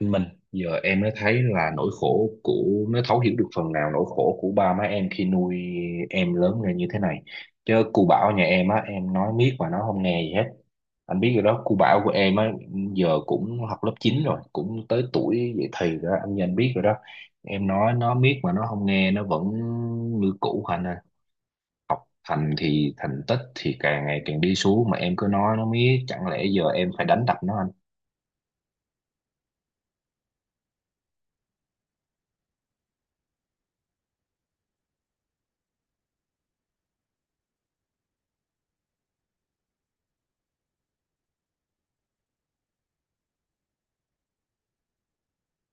Mình. Giờ em mới thấy là nỗi khổ của nó thấu hiểu được phần nào nỗi khổ của ba má em khi nuôi em lớn lên như thế này. Chứ cu Bảo nhà em á, em nói miết mà nó không nghe gì hết. Anh biết rồi đó, cu Bảo của em á, giờ cũng học lớp 9 rồi, cũng tới tuổi dậy thì rồi đó anh biết rồi đó. Em nói nó miết mà nó không nghe, nó vẫn như cũ anh à. Thành tích thì càng ngày càng đi xuống, mà em cứ nói nó miết, chẳng lẽ giờ em phải đánh đập nó?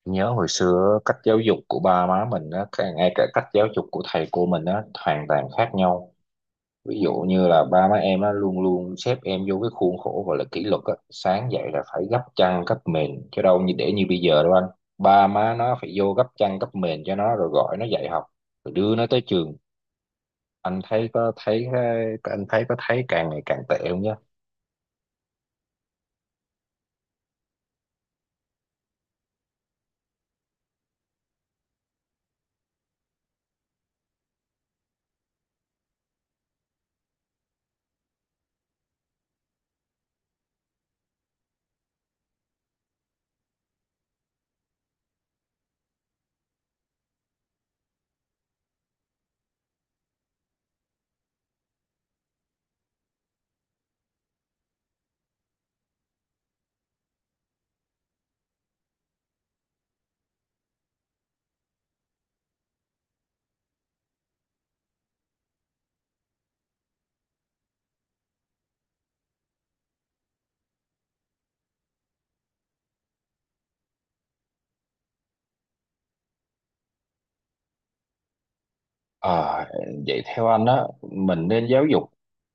Nhớ hồi xưa cách giáo dục của ba má mình á, ngay cả cách giáo dục của thầy cô mình á, hoàn toàn khác nhau. Ví dụ như là ba má em á, luôn luôn xếp em vô cái khuôn khổ gọi là kỷ luật á, sáng dậy là phải gấp chăn gấp mền, chứ đâu như để như bây giờ đâu anh. Ba má nó phải vô gấp chăn gấp mền cho nó, rồi gọi nó dậy học, rồi đưa nó tới trường. anh thấy có thấy anh thấy có thấy càng ngày càng tệ không nhá? À, vậy theo anh á, mình nên giáo dục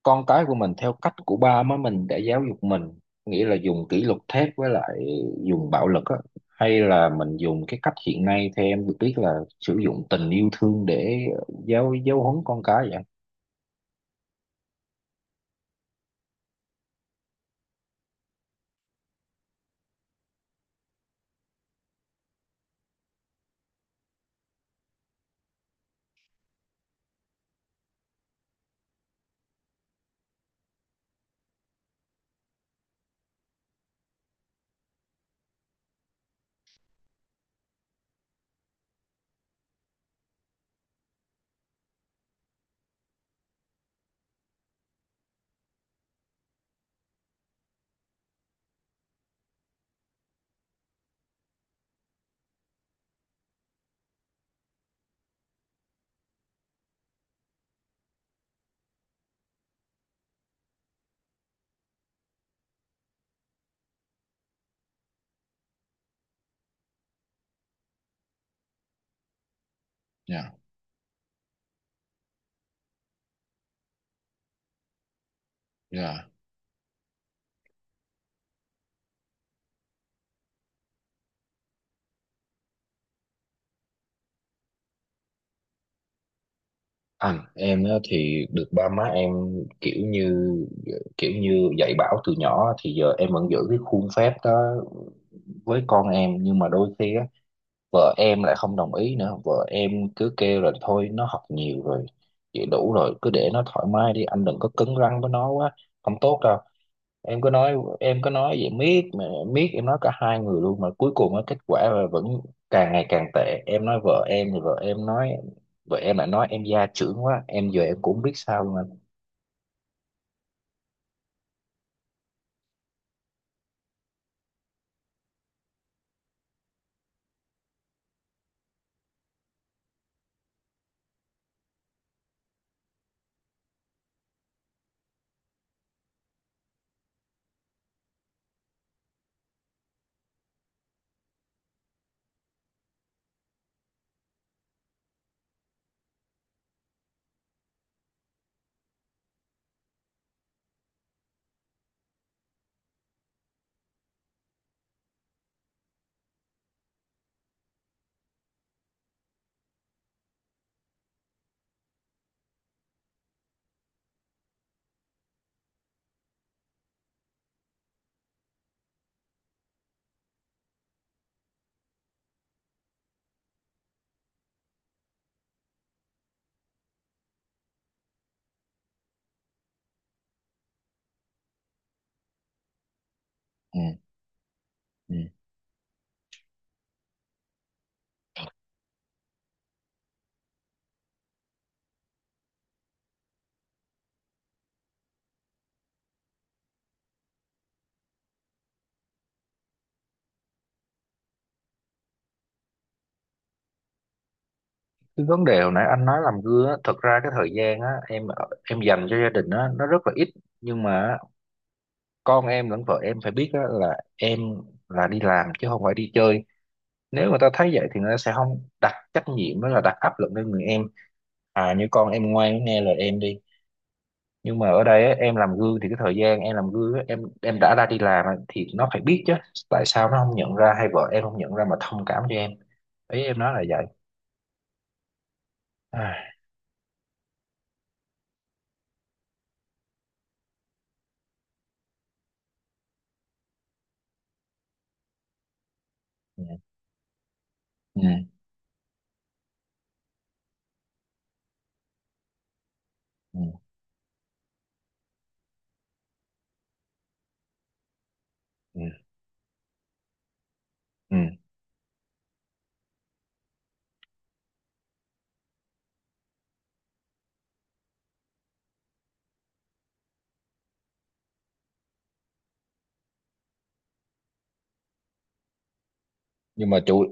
con cái của mình theo cách của ba má mình đã giáo dục mình, nghĩa là dùng kỷ luật thép với lại dùng bạo lực á, hay là mình dùng cái cách hiện nay theo em được biết là sử dụng tình yêu thương để giáo giáo huấn con cái vậy? Dạ. Dạ. Anh em á, thì được ba má em, kiểu như kiểu như dạy bảo từ nhỏ, thì giờ em vẫn giữ cái khuôn phép đó với con em, nhưng mà đôi khi á, vợ em lại không đồng ý nữa. Vợ em cứ kêu là thôi nó học nhiều rồi, vậy đủ rồi, cứ để nó thoải mái đi anh, đừng có cứng rắn với nó quá, không tốt đâu. Em cứ nói vậy miết mà em nói cả hai người luôn, mà cuối cùng á, kết quả là vẫn càng ngày càng tệ. Em nói vợ em, thì vợ em lại nói em gia trưởng quá. Giờ em cũng không biết sao luôn anh. Ừ. Ừ. Cái vấn đề hồi nãy anh nói làm gương á, thật ra cái thời gian á, em dành cho gia đình á nó rất là ít. Nhưng mà con em lẫn vợ em phải biết á, là em là đi làm chứ không phải đi chơi. Nếu người ta thấy vậy thì người ta sẽ không đặt trách nhiệm đó, là đặt áp lực lên người em. À như con em ngoan nghe lời em đi. Nhưng mà ở đây á, em làm gương, thì cái thời gian em làm gương á, em đã ra đi làm á, thì nó phải biết chứ. Tại sao nó không nhận ra, hay vợ em không nhận ra mà thông cảm cho em? Ý em nói là vậy. À. Ừ. Ừ. Ừ. Ừ. Ừ. nhưng mà chủ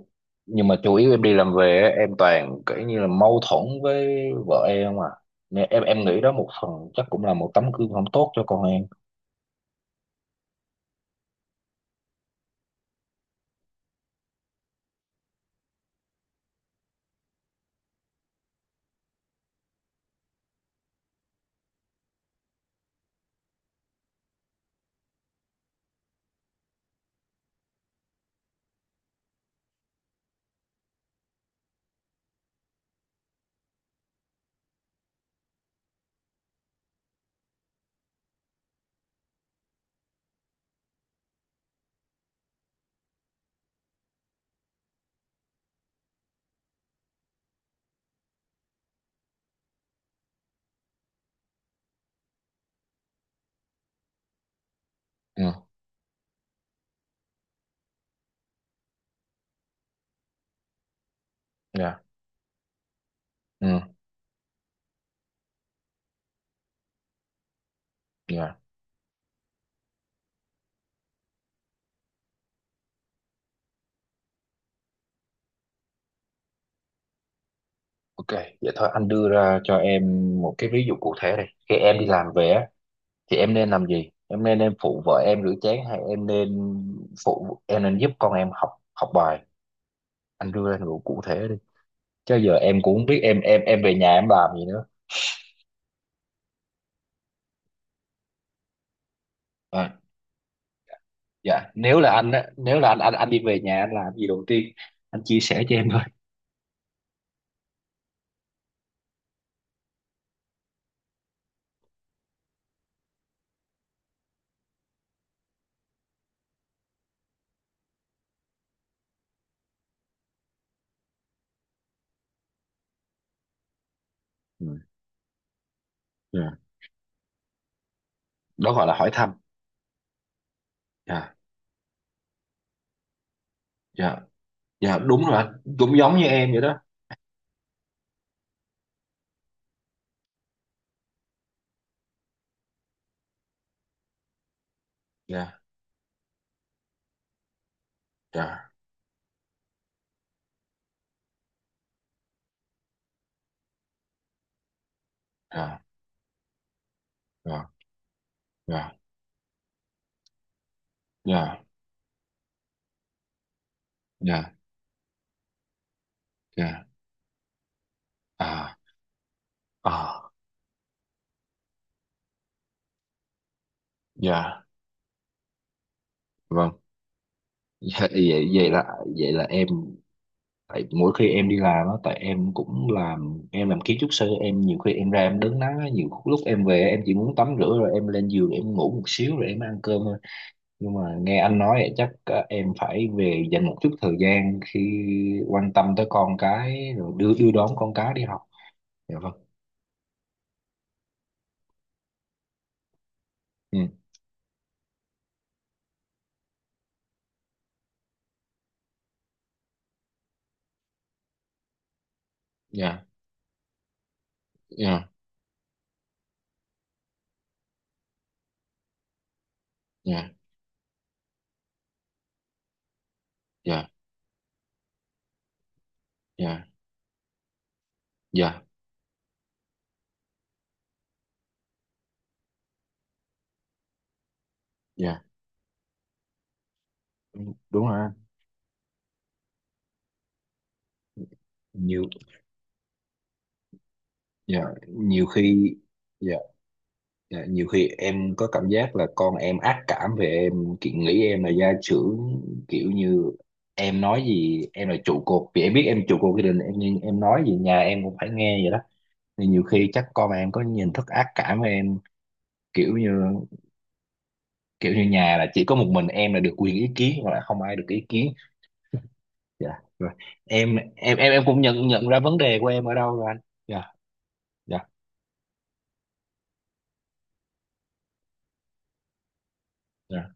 nhưng mà chủ yếu em đi làm về á, em toàn kiểu như là mâu thuẫn với vợ em à, nên em nghĩ đó một phần chắc cũng là một tấm gương không tốt cho con em. Ừ. Dạ. Ừ. Dạ. Ok, vậy thôi anh đưa ra cho em một cái ví dụ cụ thể đi. Khi em đi làm về á, thì em nên làm gì? Em nên phụ vợ em rửa chén, hay em nên em nên giúp con em học học bài? Anh đưa ra một cụ thể đi, chứ giờ em cũng không biết về nhà em làm gì nữa. À, dạ, nếu là anh anh đi về nhà anh làm gì đầu tiên? Anh chia sẻ cho em thôi. Ừ. Dạ, đó gọi là hỏi thăm. Dạ. Dạ. Dạ đúng rồi anh, cũng giống như em vậy đó. Dạ. Dạ. Dạ. Dạ. Dạ. Dạ. Dạ. Dạ. À. À. Dạ vâng. Dạ, vậy vậy là em, tại mỗi khi em đi làm á, tại em cũng làm, em làm kiến trúc sư, em nhiều khi em ra em đứng nắng á, nhiều lúc em về em chỉ muốn tắm rửa rồi em lên giường em ngủ một xíu rồi em ăn cơm thôi. Nhưng mà nghe anh nói vậy chắc em phải về dành một chút thời gian khi quan tâm tới con cái, rồi đưa đưa đón con cái đi học. Dạ vâng. Ừ. Dạ. Dạ. Dạ. Dạ. Dạ. Dạ. Dạ. Ừ, đúng rồi anh. Nhiều. Dạ. Nhiều khi. Dạ. Dạ. Nhiều khi em có cảm giác là con em ác cảm về em, kiểu nghĩ em là gia trưởng, kiểu như em nói gì... Em là trụ cột, vì em biết em trụ cột gia đình em, nhưng em nói gì nhà em cũng phải nghe vậy đó. Thì nhiều khi chắc con em có nhìn thức ác cảm với em, kiểu như, kiểu như nhà là chỉ có một mình em là được quyền ý kiến, hoặc là không ai được ý kiến. Dạ rồi. Em cũng nhận nhận ra vấn đề của em ở đâu rồi anh. Dạ. Dạ. Dạ.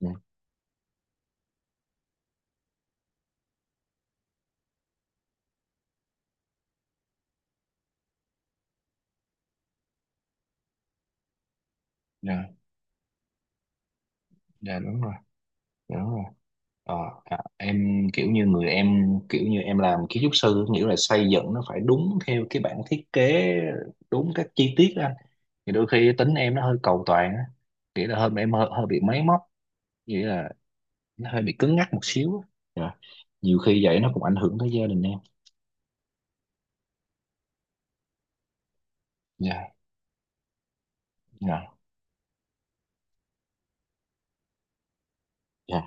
Dạ. Dạ. Dạ đúng rồi. Dạ đúng rồi. ờ, em kiểu như người, em kiểu như em làm kiến trúc sư, nghĩa là xây dựng nó phải đúng theo cái bản thiết kế, đúng các chi tiết đó anh. Thì đôi khi tính em nó hơi cầu toàn á, nghĩa là em hơi bị máy móc, nghĩa là nó hơi bị cứng nhắc một xíu á. Dạ. Nhiều khi vậy nó cũng ảnh hưởng tới gia đình em. Dạ. Dạ. Dạ.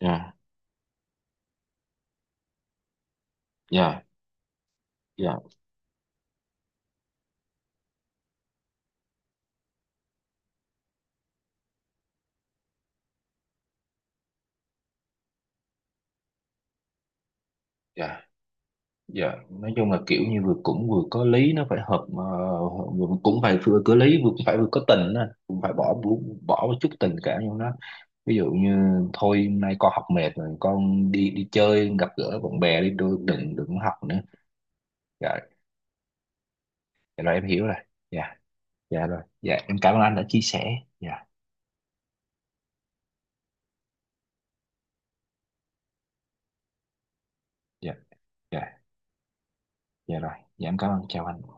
Dạ. Dạ. Dạ. Dạ. Dạ, nói chung là kiểu như vừa cũng vừa có lý, nó phải hợp cũng phải vừa có lý, vừa cũng phải vừa có tình đó. Cũng phải bỏ bỏ bỏ một chút tình cảm vô nó. Ví dụ như thôi hôm nay con học mệt rồi, con đi đi chơi gặp gỡ bạn bè đi đôi, đừng đừng học nữa. Dạ. Dạ rồi em hiểu rồi. Dạ. Dạ rồi. Dạ em cảm ơn anh đã chia sẻ. Dạ. Dạ. Dạ. Dạ rồi. Dạ em cảm ơn, chào anh.